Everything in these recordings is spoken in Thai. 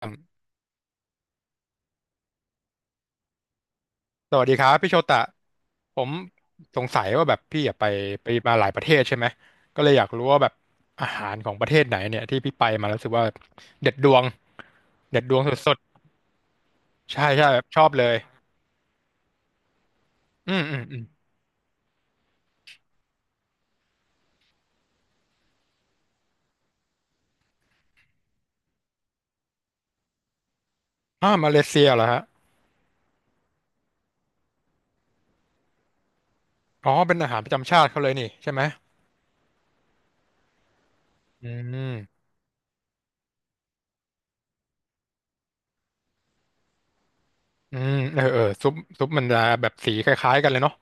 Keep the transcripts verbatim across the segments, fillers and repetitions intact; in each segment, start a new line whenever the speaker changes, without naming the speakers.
ครับสวัสดีครับพี่โชตะผมสงสัยว่าแบบพี่อะไปไปมาหลายประเทศใช่ไหมก็เลยอยากรู้ว่าแบบอาหารของประเทศไหนเนี่ยที่พี่ไปมาแล้วรู้สึกว่าเด็ดดวงเด็ดดวงสุดๆใช่ใช่แบบชอบเลยอืมอืมอืมอ่ามาเลเซียเหรอฮะอ๋อเป็นอาหารประจำชาติเขาเลยนี่ใช่ไหมอืมอืมเออเออซุปซุปมันจะแบบสีคล้ายๆกันเลยเนาะ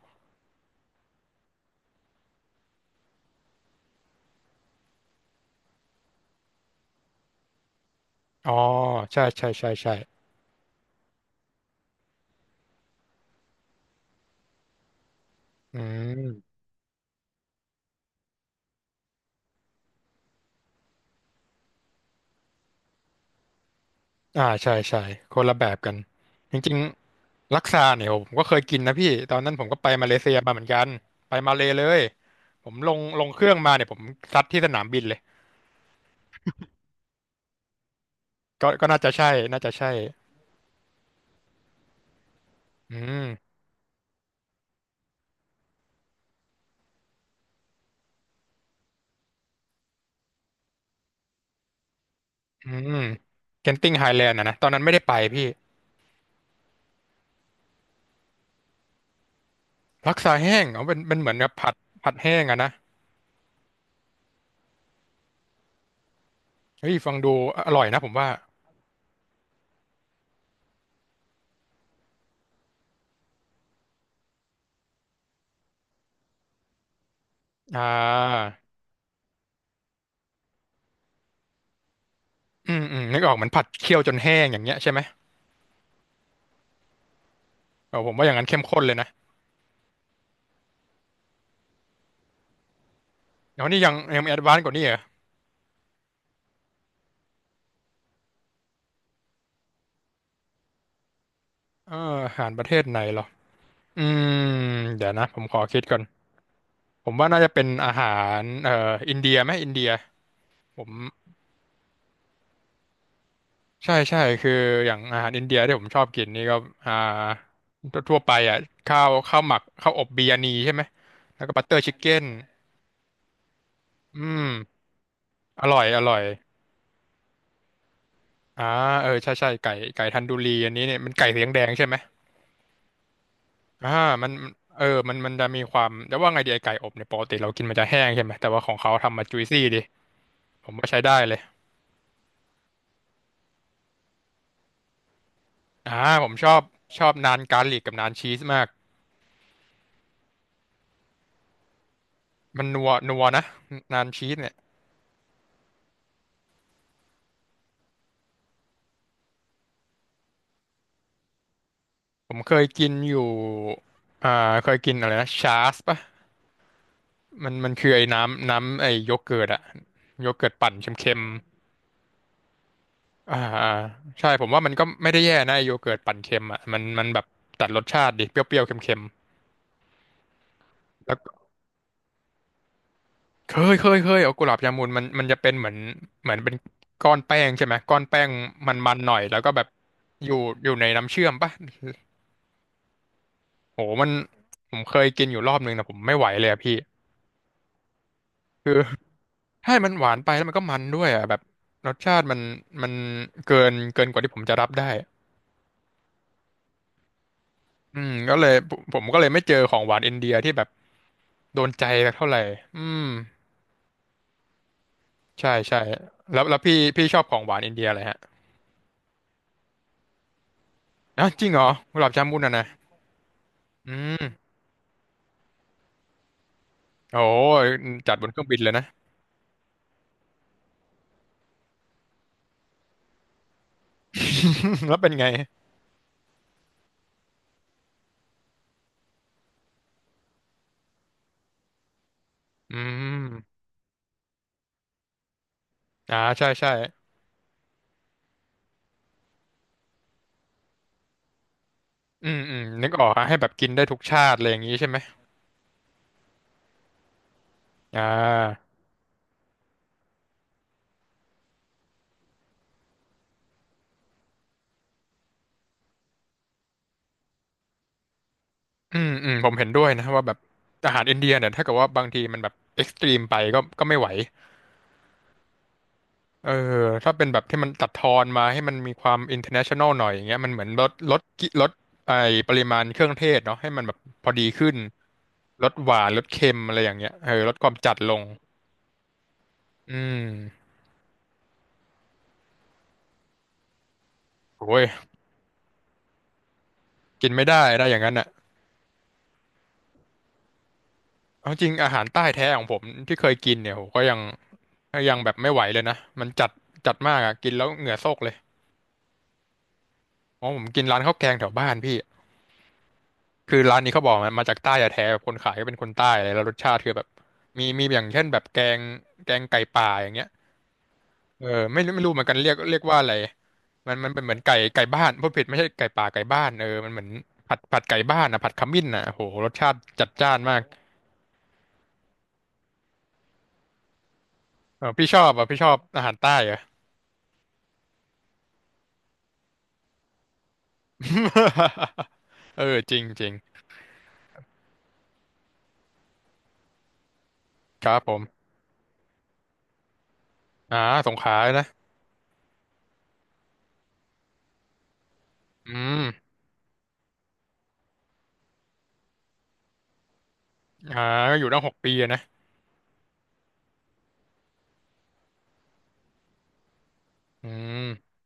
อ๋อใช่ใช่ใช่ใช่อืมอ่าใช่ใช่คนละแบบกันจริง ลักซาเนี่ยผมก็เคยกินนะพี่ตอนนั้นผมก็ไปมาเลเซียมาเหมือนกันไปมาเลเลยผมลงลงเครื่องมาเนี่ยผมซัดที่สนามบินเลยก็ก็น่าจะใช่น่าจะใช่อืมอืมเคนติงไฮแลนด์อะนะตอนนั้นไม่ได้ไปพี่ลักซาแห้งเอาเป็นเป็นเหมือนกับผัดผัดแห้งอะนะเฮ้ยฟังดูอร่อยนะผมว่าอ่าอืมอืมนึกออกเหมือนผัดเคี่ยวจนแห้งอย่างเงี้ยใช่ไหมเออผมว่าอย่างนั้นเข้มข้นเลยนะแล้วนี่ยังยังแอดวานซ์กว่านี้เหรอเอออาหารประเทศไหนเหรออืมเดี๋ยวนะผมขอคิดก่อน ผมว่าน่าจะเป็นอาหารเอ่ออินเดียไหมอินเดียผมใช่ใช่คืออย่างอาหารอินเดียที่ผมชอบกินนี่ก็อ่าทั่วไปอ่ะข้าวข้าวหมักข้าวอบบิยานีใช่ไหมแล้วก็บัตเตอร์ชิคเก้นอืมอร่อยอร่อยอ่าเออใช่ใช่ไก่ไก่ทันดูรีอันนี้เนี่ยมันไก่สีแดงๆใช่ไหมอ่ามันเออมันมันจะมีความแต่ว่าไงดีไอไก่อบเนี่ยปกติเรากินมันจะแห้งใช่ไหมแต่ว่าของเขาทำมาจุยซี่ดิผมว่าใช้ได้เลยอ่าผมชอบชอบนานการลิกกับนานชีสมาก มันนัวนัวนะนานชีสเนี่ยผมเคยกินอยู่อ่าเคยกินอะไรนะชาสป่ะมันมันคือไอ้น้ำน้ำไอ้โยเกิร์ตอะโยเกิร์ตปั่นเค็มๆอ่าอ่าใช่ผมว่ามันก็ไม่ได้แย่นะไอ้โยเกิร์ตปั่นเค็มอะมันมันแบบตัดรสชาติดิเปรี้ยวๆเค็มๆแล้วก็เคยเคยเคยเอากุหลาบยามูนมันมันจะเป็นเหมือนเหมือนเป็นก้อนแป้งใช่ไหมก้อนแป้งมันๆหน่อยแล้วก็แบบอยู่อยู่ในน้ำเชื่อมป่ะโหมันผมเคยกินอยู่รอบนึงนะผมไม่ไหวเลยอะพี่คือ ใช่มันหวานไปแล้วมันก็มันด้วยอ่ะแบบรสชาติมันมันเกินเกินกว่าที่ผมจะรับได้อืมก็เลยผมผมก็เลยไม่เจอของหวานอินเดียที่แบบโดนใจสักเท่าไหร่อืมใช่ใช่แล้วแล้วพี่พี่ชอบของหวานอินเดียอะไรฮะอ้าวจริงเหรอกุหลาบจามุนอ่ะนะอืมโอ้ยจัดบนเครื่องบินเลยนะ แล้วเป็นไงอืมอ่าใช่ใช่อืมอืมนึกออกฮะให้แบบกินได้ทุกชาติอะไรอย่างนี้ใช่ไหมอ่า อืมอืม ผมเห็นด้วยนะว่าแบบอาหารอินเดียเนี่ย ถ้าเกิดว่าบางทีมันแบบเอ็กซ์ตรีมไปก็ก็ไม่ไหว เออ ถ้าเป็นแบบที่มันตัดทอนมาให้มันมีความอินเ r อร์เนชั่นแนลหน่อยอย่างเงี้ยมันเหมือนลดลดกิลดไอปริมาณเครื่องเทศเนาะให้มันแบบพอดีขึ้นลดหวานลดเค็มอะไรอย่างเงี้ยเออลดความจัดลง อืม โอ้ย กินไม่ได้ได้อย่างนั้นอ่ะเอาจริงอาหารใต้แท้ของผมที่เคยกินเนี่ยโหก็ยังก็ยังแบบไม่ไหวเลยนะมันจัดจัดมากอ่ะกินแล้วเหงื่อโซกเลยอ๋อผมกินร้านข้าวแกงแถวบ้านพี่ คือร้านนี้เขาบอกมันมาจากใต้แท้ๆแบบคนขายก็เป็นคนใต้อะไรแล้วรสชาติคือแบบมีมีอย่างเช่นแบบแกงแกงไก่ป่าอย่างเงี้ยเออไม่รู้ไม่รู้เหมือนกันเรียกเรียกว่าอะไรมันมันเป็นเหมือนไก่ไก่บ้านพูดผิดไม่ใช่ไก่ป่าไก่บ้านเออมันเหมือนผัดผัดไก่บ้านอ่ะผัดขมิ้นอ่ะโหรสชาติจัดจ้านมากเออพี่ชอบอ่ะพี่ชอบอาหารใต้เหรอ่ะ เออจริงจริงครับผมอ่าสงขลานะอืมอ่าก็อยู่ตั้งหกปีอะนะอืม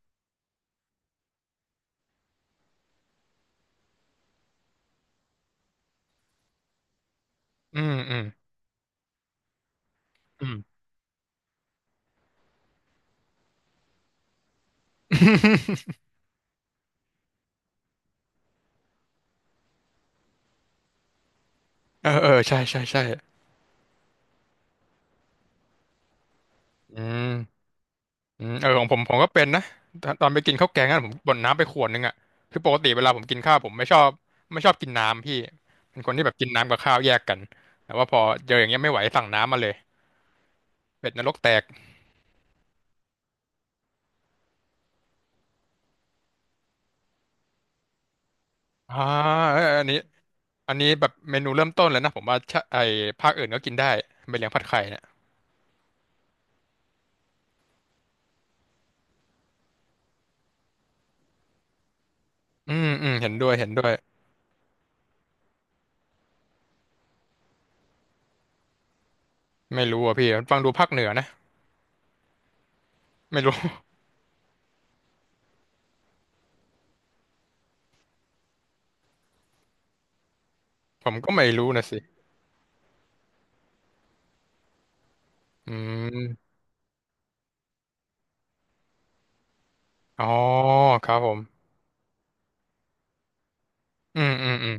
อืมอืมอืมเออเออใช่ใช่ใช่อืม อืมเออของผมผมก็เป็นนะตอนตอนไปกินข้าวแกงนั่นผมบ่นน้ำไปขวดนึงอ่ะคือปกติเวลาผมกินข้าวผมไม่ชอบไม่ชอบกินน้ำพี่เป็นคนที่แบบกินน้ำกับข้าวแยกกันแต่ว่าพอเจออย่างเงี้ยไม่ไหวสั่งน้ำมาเลยเป็ดนรกแตกอ่าเอออันนี้อันนี้แบบเมนูเริ่มต้นเลยนะผมว่าชะไอ้ภาคอื่นก็กินได้เป็นเลี้ยงผัดไข่เนี่ยอืมอืมเห็นด้วยเห็นด้วยไม่รู้อ่ะพี่ฟังดูภาคเหนือนะไม่รู้ ผมก็ไม่รู้นะสิอืมอ๋อครับผมอืมอืมอืม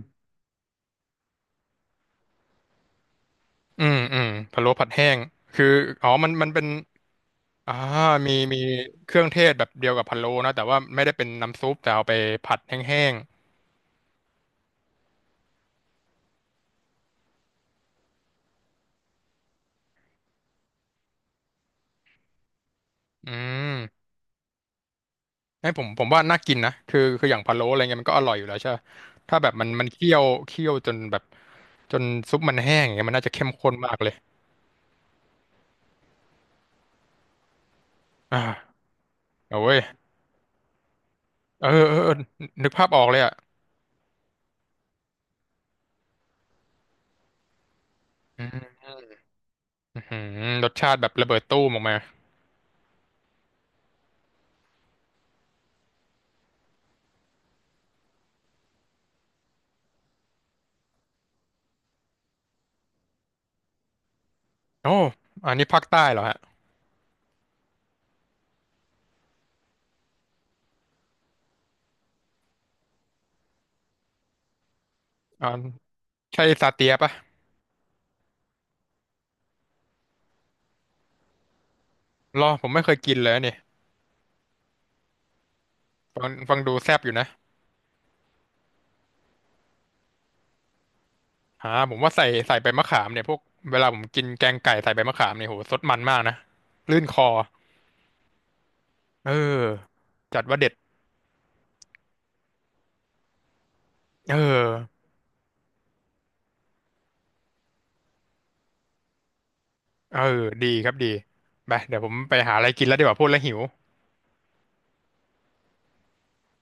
อืมอืมพะโล้ผัดแห้งคืออ๋อมันมันเป็นอ่ามีมีเครื่องเทศแบบเดียวกับพะโล้นะแต่ว่าไม่ได้เป็นน้ำซุปแต่เอาไปผัดแห้งๆอืมให้ผมผมว่าน่ากินนะคือคืออย่างพะโล้อะไรเงี้ยมันก็อร่อยอยู่แล้วใช่ปะถ้าแบบมันมันเคี่ยวเคี่ยวจนแบบจนซุปมันแห้งอย่างเงี้ยมันน่าจะเข้มข้นมากเลยอ่าโอ้ยเออเออเออนึกภาพออกเลยอ่ะอืมอื้อหือรสชาติแบบระเบิดตู้มออกมาโอ้อันนี้ภาคใต้เหรอฮะอ่าใช่ซาเตียปะ รอผมไม่เคยกินเลยเนี่ยฟังฟังดูแซ่บอยู่นะอ่าผมว่าใส่ใส่ใบมะขามเนี่ยพวกเวลาผมกินแกงไก่ใส่ใบมะขามเนี่ยโหสดมันมากนะลื่นคอเออจัดว่าเด็ดเออเออดีครับดีไปเดี๋ยวผมไปหาอะไรกินแล้วดีกว่าพูดแล้วหิว